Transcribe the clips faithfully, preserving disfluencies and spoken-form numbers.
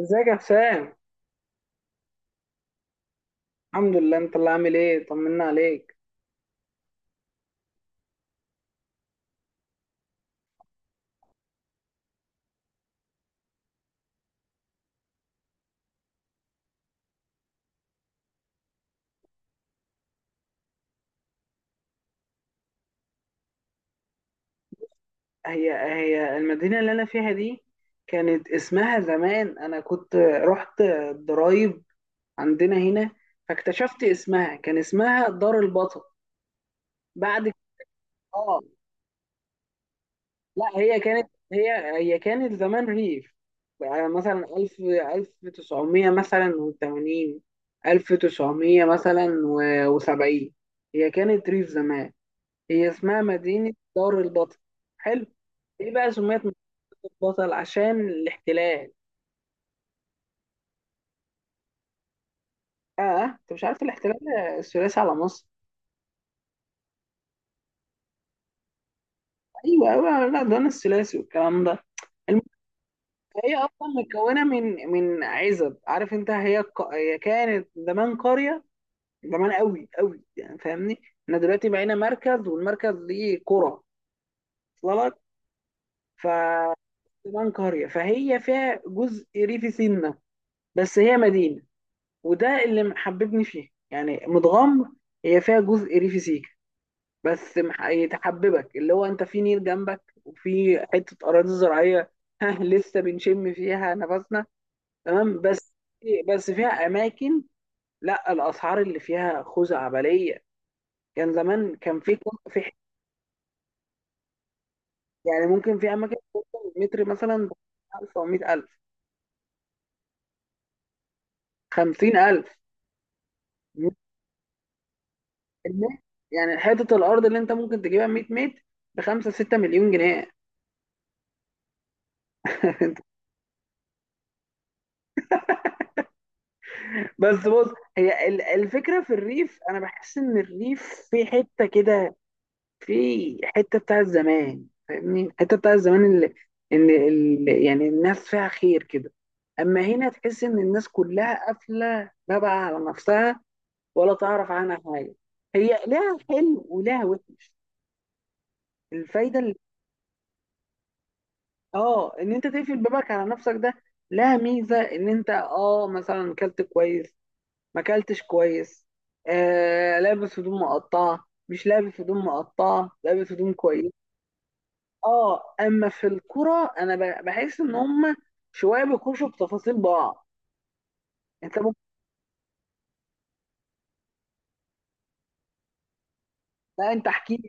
ازيك يا حسام. الحمد لله، انت اللي عامل ايه؟ طمنا عليك. هي هي المدينه اللي انا فيها دي كانت اسمها زمان، انا كنت رحت الضرايب عندنا هنا فاكتشفت اسمها، كان اسمها دار البطل بعد ك- اه لا، هي كانت، هي هي كانت زمان ريف. يعني مثلا ألف ألف وتسعمية مثلا و80، ألف وتسعمية مثلا و70 هي كانت ريف زمان. هي اسمها مدينة دار البطل. حلو. ايه بقى سميت مدينة دار البطل؟ عشان الاحتلال. اه انت مش عارف الاحتلال الثلاثي على مصر؟ ايوه ايوه، لا ده انا الثلاثي والكلام ده. الم- هي اصلا متكونه من من عزب، عارف انت؟ هي الق- هي كانت زمان قريه، زمان قوي قوي يعني، فاهمني؟ احنا دلوقتي بقينا مركز، والمركز ليه قرى، وصل لك؟ ف زمان قريه، فهي فيها جزء ريفي سنه، بس هي مدينه. وده اللي محببني فيه يعني، متغمر. هي فيها جزء ريفي سيكا، بس مح- يتحببك اللي هو انت في نيل جنبك، وفي حته اراضي زراعيه ها لسه بنشم فيها نفسنا. تمام بس. بس فيها اماكن، لا الاسعار اللي فيها خزعبليه. كان زمان كان في، في يعني ممكن، في اماكن توصل متر مثلا ألف او مية ألف، خمسين ألف. يعني حته الارض اللي انت ممكن تجيبها مية متر ب خمسة ستة مليون جنيه. بس بص، هي ال- الفكرة في الريف، أنا بحس إن الريف في حتة كده، في حتة بتاع زمان، فاهمني؟ الحتة بتاع زمان اللي، إن ال- يعني الناس فيها خير كده. أما هنا تحس إن الناس كلها قافلة لا بقى على نفسها ولا تعرف عنها حاجة. هي لها حلو ولها وحش. الفايدة اللي، آه إن أنت تقفل بابك على نفسك ده لها ميزة، إن أنت آه مثلا كلت كويس ما اكلتش كويس، آه لابس هدوم مقطعه مش لابس هدوم مقطعه لابس هدوم كويس. اه اما في الكرة انا ب- بحس ان هم شويه بيخشوا بتفاصيل بعض. انت ممكن، لا انت احكي لي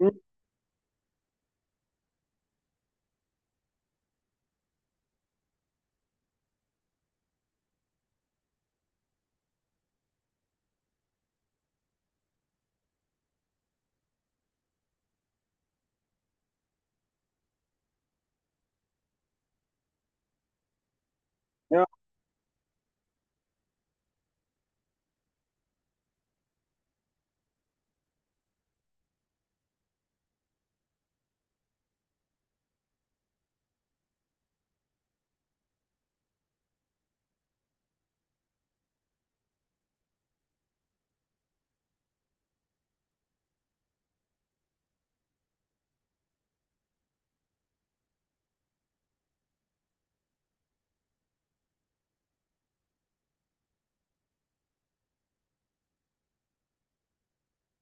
بقى. يا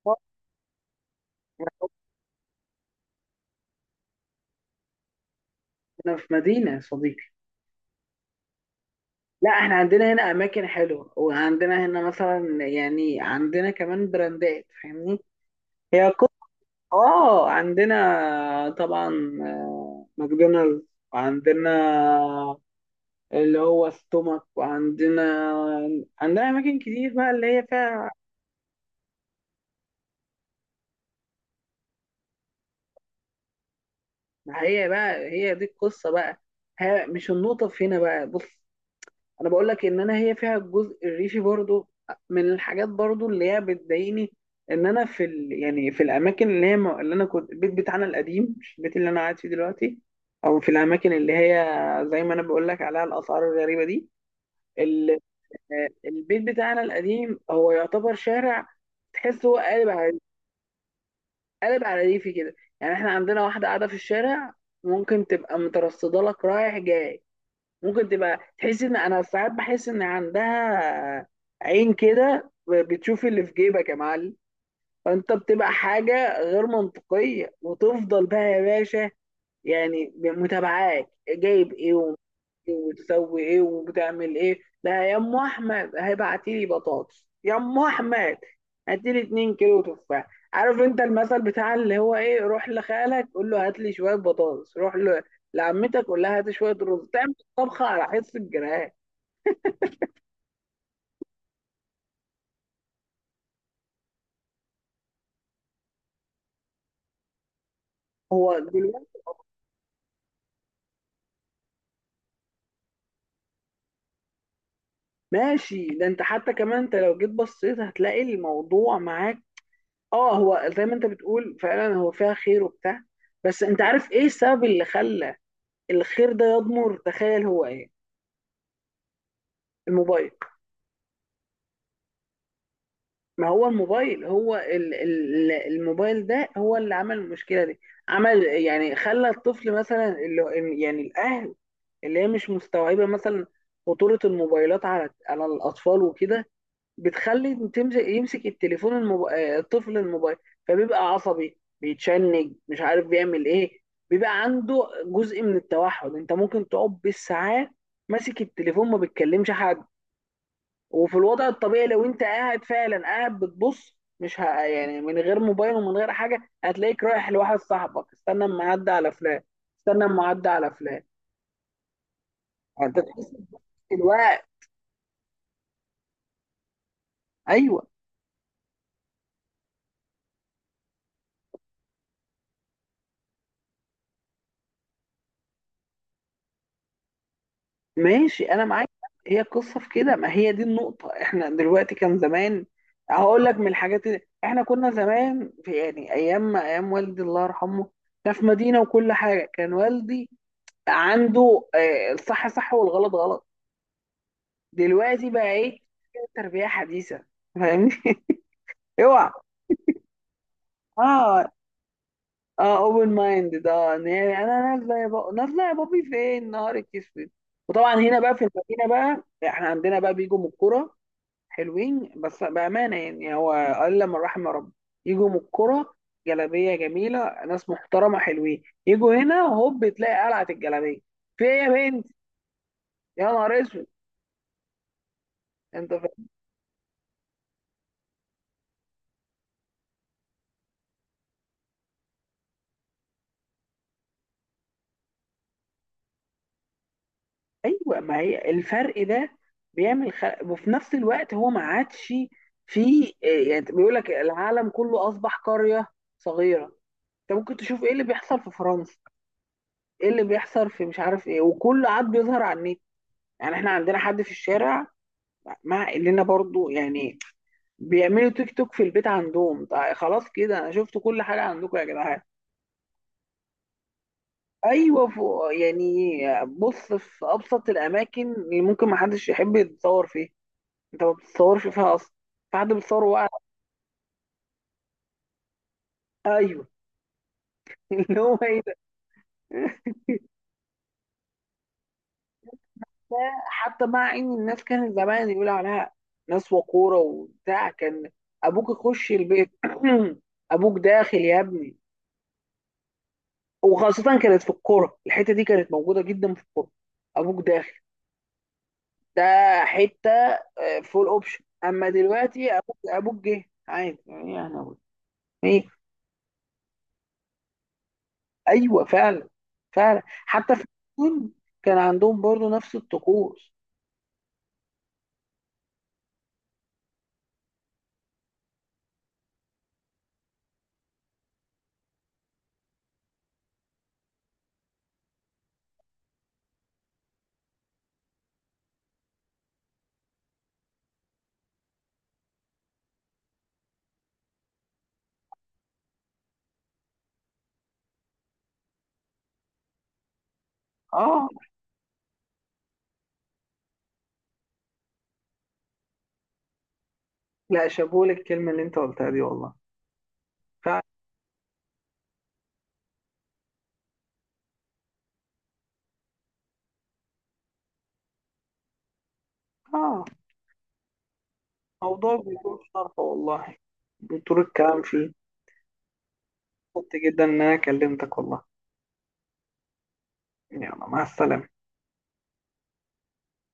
أخبار؟ احنا في مدينه يا صديقي. لا احنا عندنا هنا اماكن حلوه، وعندنا هنا مثلا يعني عندنا كمان براندات فاهمني. هي كو... اه عندنا طبعا آه، ماكدونالدز، وعندنا اللي هو ستومك، وعندنا، عندنا أماكن كتير بقى اللي هي فيها. ما هي بقى هي دي القصة بقى. ها مش النقطة في هنا بقى، بص، أنا بقول لك إن أنا هي فيها الجزء الريفي برضو. من الحاجات برضو اللي هي بتضايقني، إن أنا في ال... يعني في الأماكن اللي هي م- اللي أنا كنت، البيت بتاعنا القديم مش البيت اللي أنا قاعد فيه دلوقتي، أو في الأماكن اللي هي زي ما أنا بقول لك عليها، الأسعار الغريبة دي. ال... البيت بتاعنا القديم هو يعتبر شارع تحسه هو قالب، قلب على ريفي كده يعني. احنا عندنا واحدة قاعدة في الشارع ممكن تبقى مترصدة لك رايح جاي، ممكن تبقى تحس ان انا، ساعات بحس ان عندها عين كده بتشوف اللي في جيبك يا معلم. فانت بتبقى حاجة غير منطقية، وتفضل بقى يا باشا يعني متابعاك جايب ايه وتسوي ايه وبتعمل ايه. لا يا ام احمد هيبعتي لي بطاطس، يا ام احمد هاتي لي 2 كيلو تفاح. عارف انت المثل بتاع اللي هو ايه، روح لخالك قول له هات لي شويه بطاطس، روح ل... لعمتك قول لها هات شويه رز تعمل طبخه على حس الجيران. هو دلوقتي، ماشي ده انت حتى كمان انت لو جيت بصيت هتلاقي الموضوع معاك. اه هو زي ما انت بتقول فعلا، هو فيها خير وبتاع، بس انت عارف ايه السبب اللي خلى الخير ده يضمر؟ تخيل هو ايه؟ الموبايل. ما هو الموبايل هو ال- ال- الموبايل ده هو اللي عمل المشكلة دي. عمل يعني خلى الطفل مثلا، اللي يعني الأهل اللي هي مش مستوعبة مثلا خطورة الموبايلات على على الأطفال وكده، بتخلي تمسك، يمسك التليفون، الموب... آه، الطفل الموبايل، فبيبقى عصبي، بيتشنج، مش عارف بيعمل إيه، بيبقى عنده جزء من التوحد. أنت ممكن تقعد بالساعات ماسك التليفون ما بتكلمش حد. وفي الوضع الطبيعي، لو انت قاعد فعلا، قاعد بتبص مش ه... يعني من غير موبايل ومن غير حاجه، هتلاقيك رايح لواحد صاحبك، استنى اما اعدي على فلان، استنى اما اعدي على فلان، يعني انت تحس الوقت. ايوه، ماشي انا معاك. هي القصه في كده، ما هي دي النقطه. احنا دلوقتي كان زمان، هقول لك من الحاجات اللي احنا كنا زمان في، يعني ايام ايام والدي الله يرحمه، ده في مدينه وكل حاجه، كان والدي عنده آه، الصح صح والغلط غلط. دلوقتي بقى ايه؟ تربية حديثة، فاهمني؟ اوعى. اه اه اوبن مايند ده، إن هي انا نازله يا بابا، نازله يا بابي، فين؟ نهارك اسود. وطبعا هنا بقى في المدينه بقى، احنا عندنا بقى بيجوا من الكوره، حلوين بس بامانه يعني، هو الا من رحم ربي، يجوا من الكوره جلابيه جميله، ناس محترمه حلوين، يجوا هنا هوب تلاقي قلعه الجلابيه، في ايه يا بنت؟ يا نهار اسود انت. ايوه ما هي الفرق ده بيعمل خلق، وفي نفس الوقت هو ما عادش في إيه، يعني بيقول لك العالم كله اصبح قريه صغيره، انت ممكن تشوف ايه اللي بيحصل في فرنسا، ايه اللي بيحصل في مش عارف ايه، وكل عاد بيظهر على النت. يعني احنا عندنا حد في الشارع، مع اننا برضو يعني، بيعملوا تيك توك في البيت عندهم، طيب خلاص كده انا شفت كل حاجه عندكم يا جدعان. ايوه فوق يعني، بص، في ابسط الاماكن اللي ممكن ما حدش يحب يتصور فيها، انت ما بتتصورش فيها اصلا، في حد بيتصور، وقع. ايوه اللي هو ايه ده. ده حتى مع ان الناس كانت زمان يقول عليها ناس وقوره وبتاع، كان ابوك يخش البيت ابوك داخل يا ابني، وخاصه كانت في الكوره، الحته دي كانت موجوده جدا في الكوره، ابوك داخل، ده حته فول اوبشن. اما دلوقتي ابوك ابوك جه عادي، يعني انا أقول ايه. ايوه فعلا، فعلا. حتى في الجون كان عندهم برضو نفس الطقوس. اه لا شابوه للكلمة اللي انت قلتها دي والله. فعلا. اه موضوع بيقول شرحه والله، بطول الكلام فيه. مبسوط جدا ان انا كلمتك والله. يلا مع السلامة.